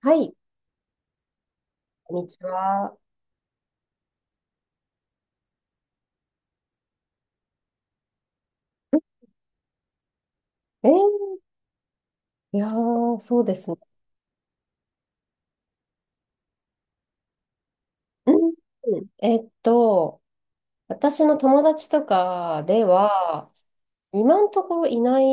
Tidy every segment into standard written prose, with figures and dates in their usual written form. はい、こんにちは。えーいやー、そうですね。うん。私の友達とかでは、今のところいない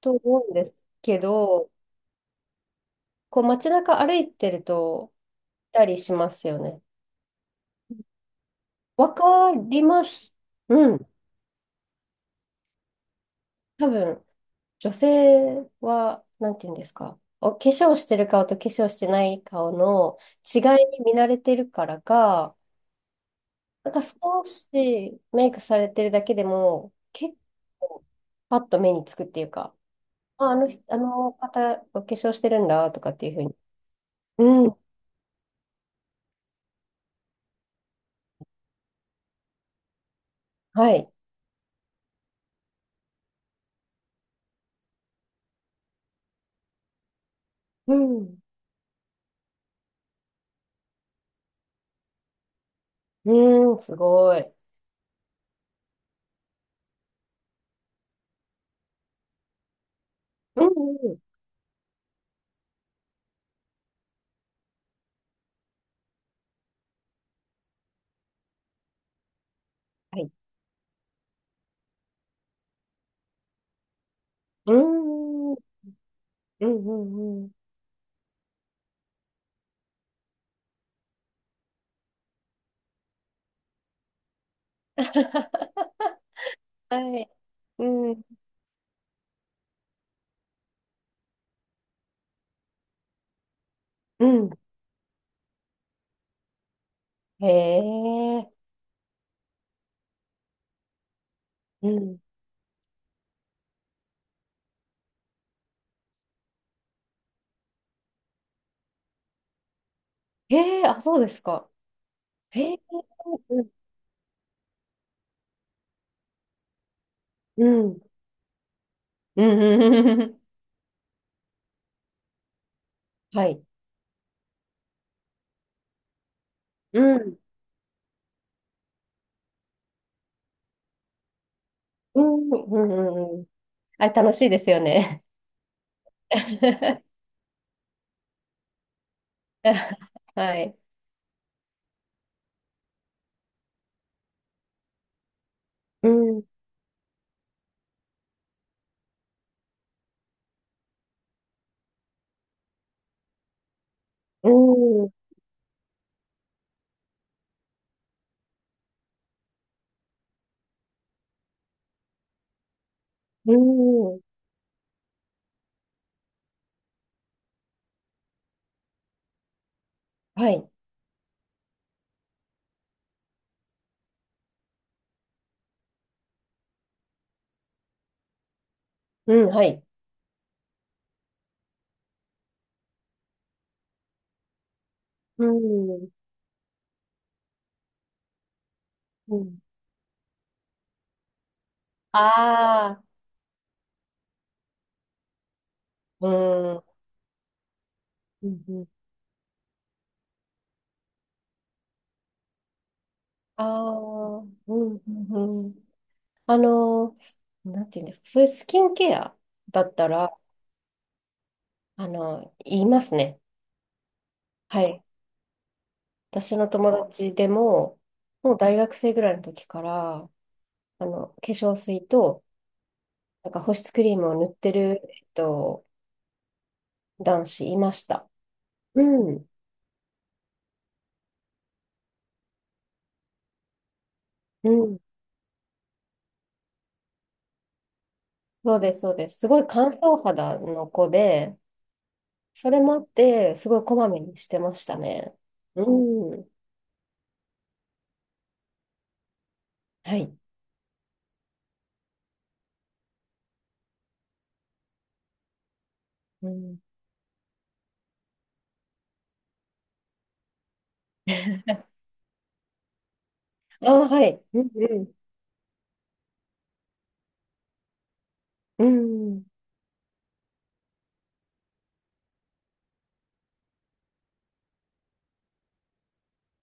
と思うんですけど、こう街中歩いてると、いたりしますよね。わかります。うん。多分、女性は、なんていうんですか。化粧してる顔と化粧してない顔の違いに見慣れてるからか、なんか少しメイクされてるだけでも、結構パッと目につくっていうか、あ、あの人、あの方、お化粧してるんだとかっていうふうに。うん、はい。うん、うん、すごい。うん、うん、はい。うん、うん、うん、うん。はい。うん、うん。へえ、うん。へえ、あ、そうですか。へえ、うん、うん、うん、うん、うんうん、はい。うん、うん、うん、うん、うん。あれ楽しいですよね。はい。うん、うん、うん。はい。うん、はい。うん、うん。ああ、うん、うん、うん。ああ、うん、うん、うん。あのなんていうんですか、そういうスキンケアだったら、言いますね。はい。私の友達でも、もう大学生ぐらいの時から、化粧水と、なんか保湿クリームを塗ってる、男子いました。うん、うん、そうです、そうです。すごい乾燥肌の子で、それもあって、すごいこまめにしてましたね。うん、はい。うん、ああ、はい。うん、うん。うん。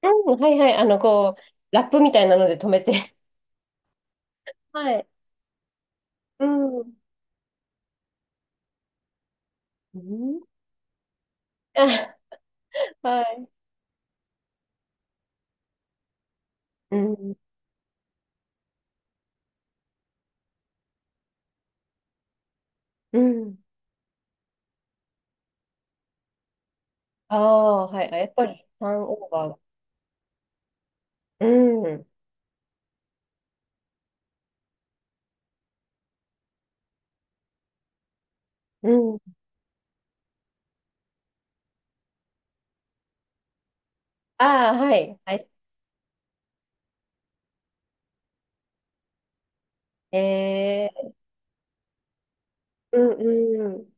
うん、はいはい。こう、ラップみたいなので止めて。はい。うん。うん、あ、はい。うん。うん。ああ、はい。あ、やっぱり、ターンオーバー。うん、うん。ああ、はいはい、えー、うん、うん、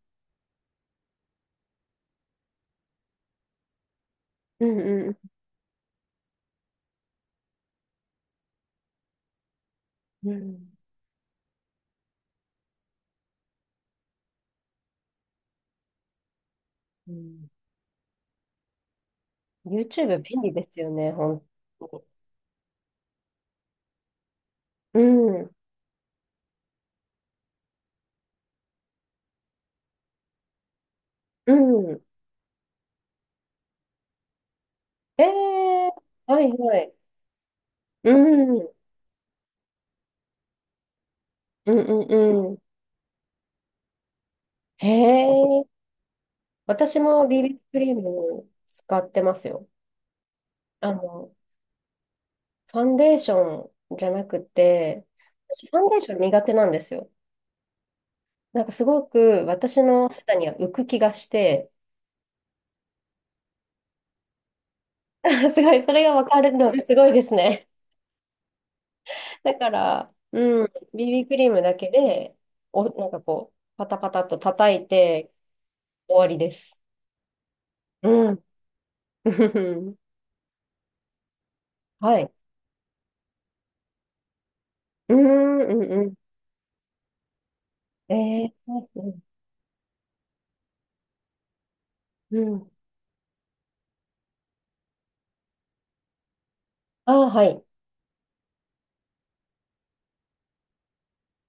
うん、うん、うん。うん。YouTube 便利ですよね、本当に。うん。うん。ええ、はいはい。うん。うん、うん、うん。へえ。私も BB クリーム使ってますよ。あの、ファンデーションじゃなくて、私ファンデーション苦手なんですよ。なんかすごく私の肌には浮く気がして、すごい、それが分かるのがすごいですね。だから、うん、BB クリームだけで、なんかこう、パタパタと叩いて終わりです。うん。はい。うん、うん、うん。えー、うん。うん、ああ、はい。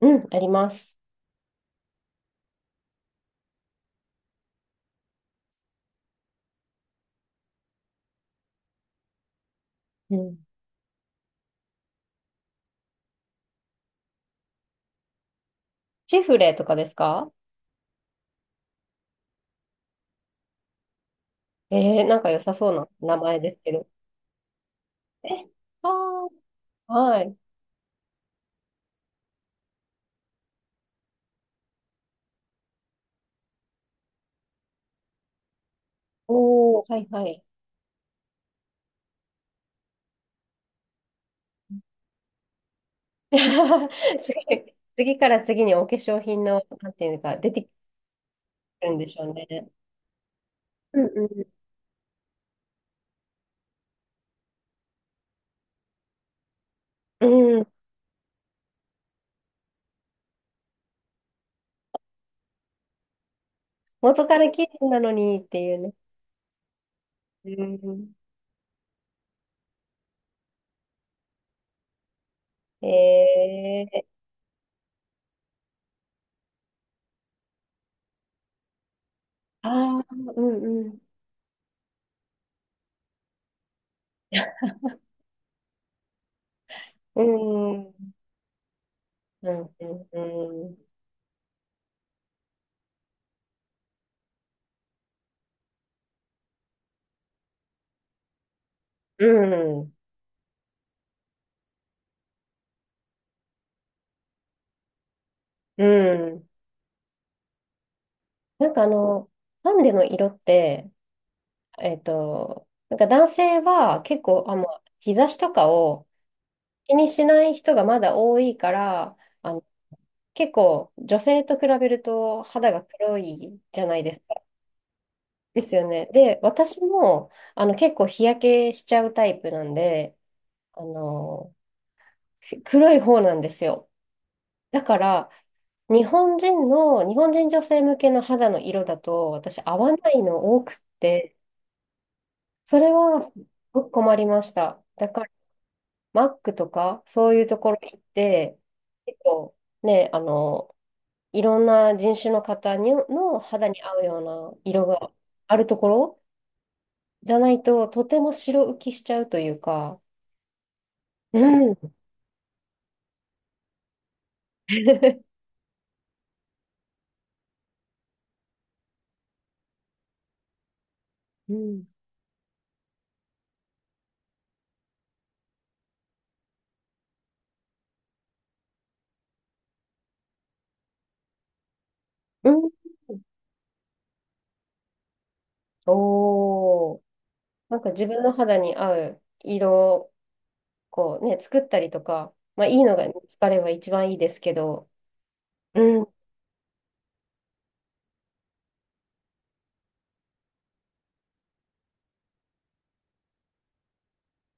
うん、あります。うん。チフレとかですか？えー、なんか良さそうな名前ですけど。え、ああ、はい。おー、はい、はい。次から次にお化粧品の、なんていうか、出てくるんでしょうね。うん、うん。うん、元から綺麗なのにっていうね。うん。えー、ああ、うん、うん。うん、うん、うん、うん、うん、うん。なんか、ハンデの色って、なんか男性は結構、あ、もう日差しとかを気にしない人がまだ多いから、結構女性と比べると肌が黒いじゃないですか。ですよね。で、私も、結構日焼けしちゃうタイプなんで、あの、黒い方なんですよ。だから、日本人女性向けの肌の色だと、私合わないの多くって、それはすっごく困りました。だから、マックとか、そういうところ行って、結構ね、いろんな人種の方にの肌に合うような色があるところじゃないと、とても白浮きしちゃうというか、うん。うん。うん、おー。なんか自分の肌に合う色をこうね、作ったりとか、まあいいのが見つかれば一番いいですけど、うん、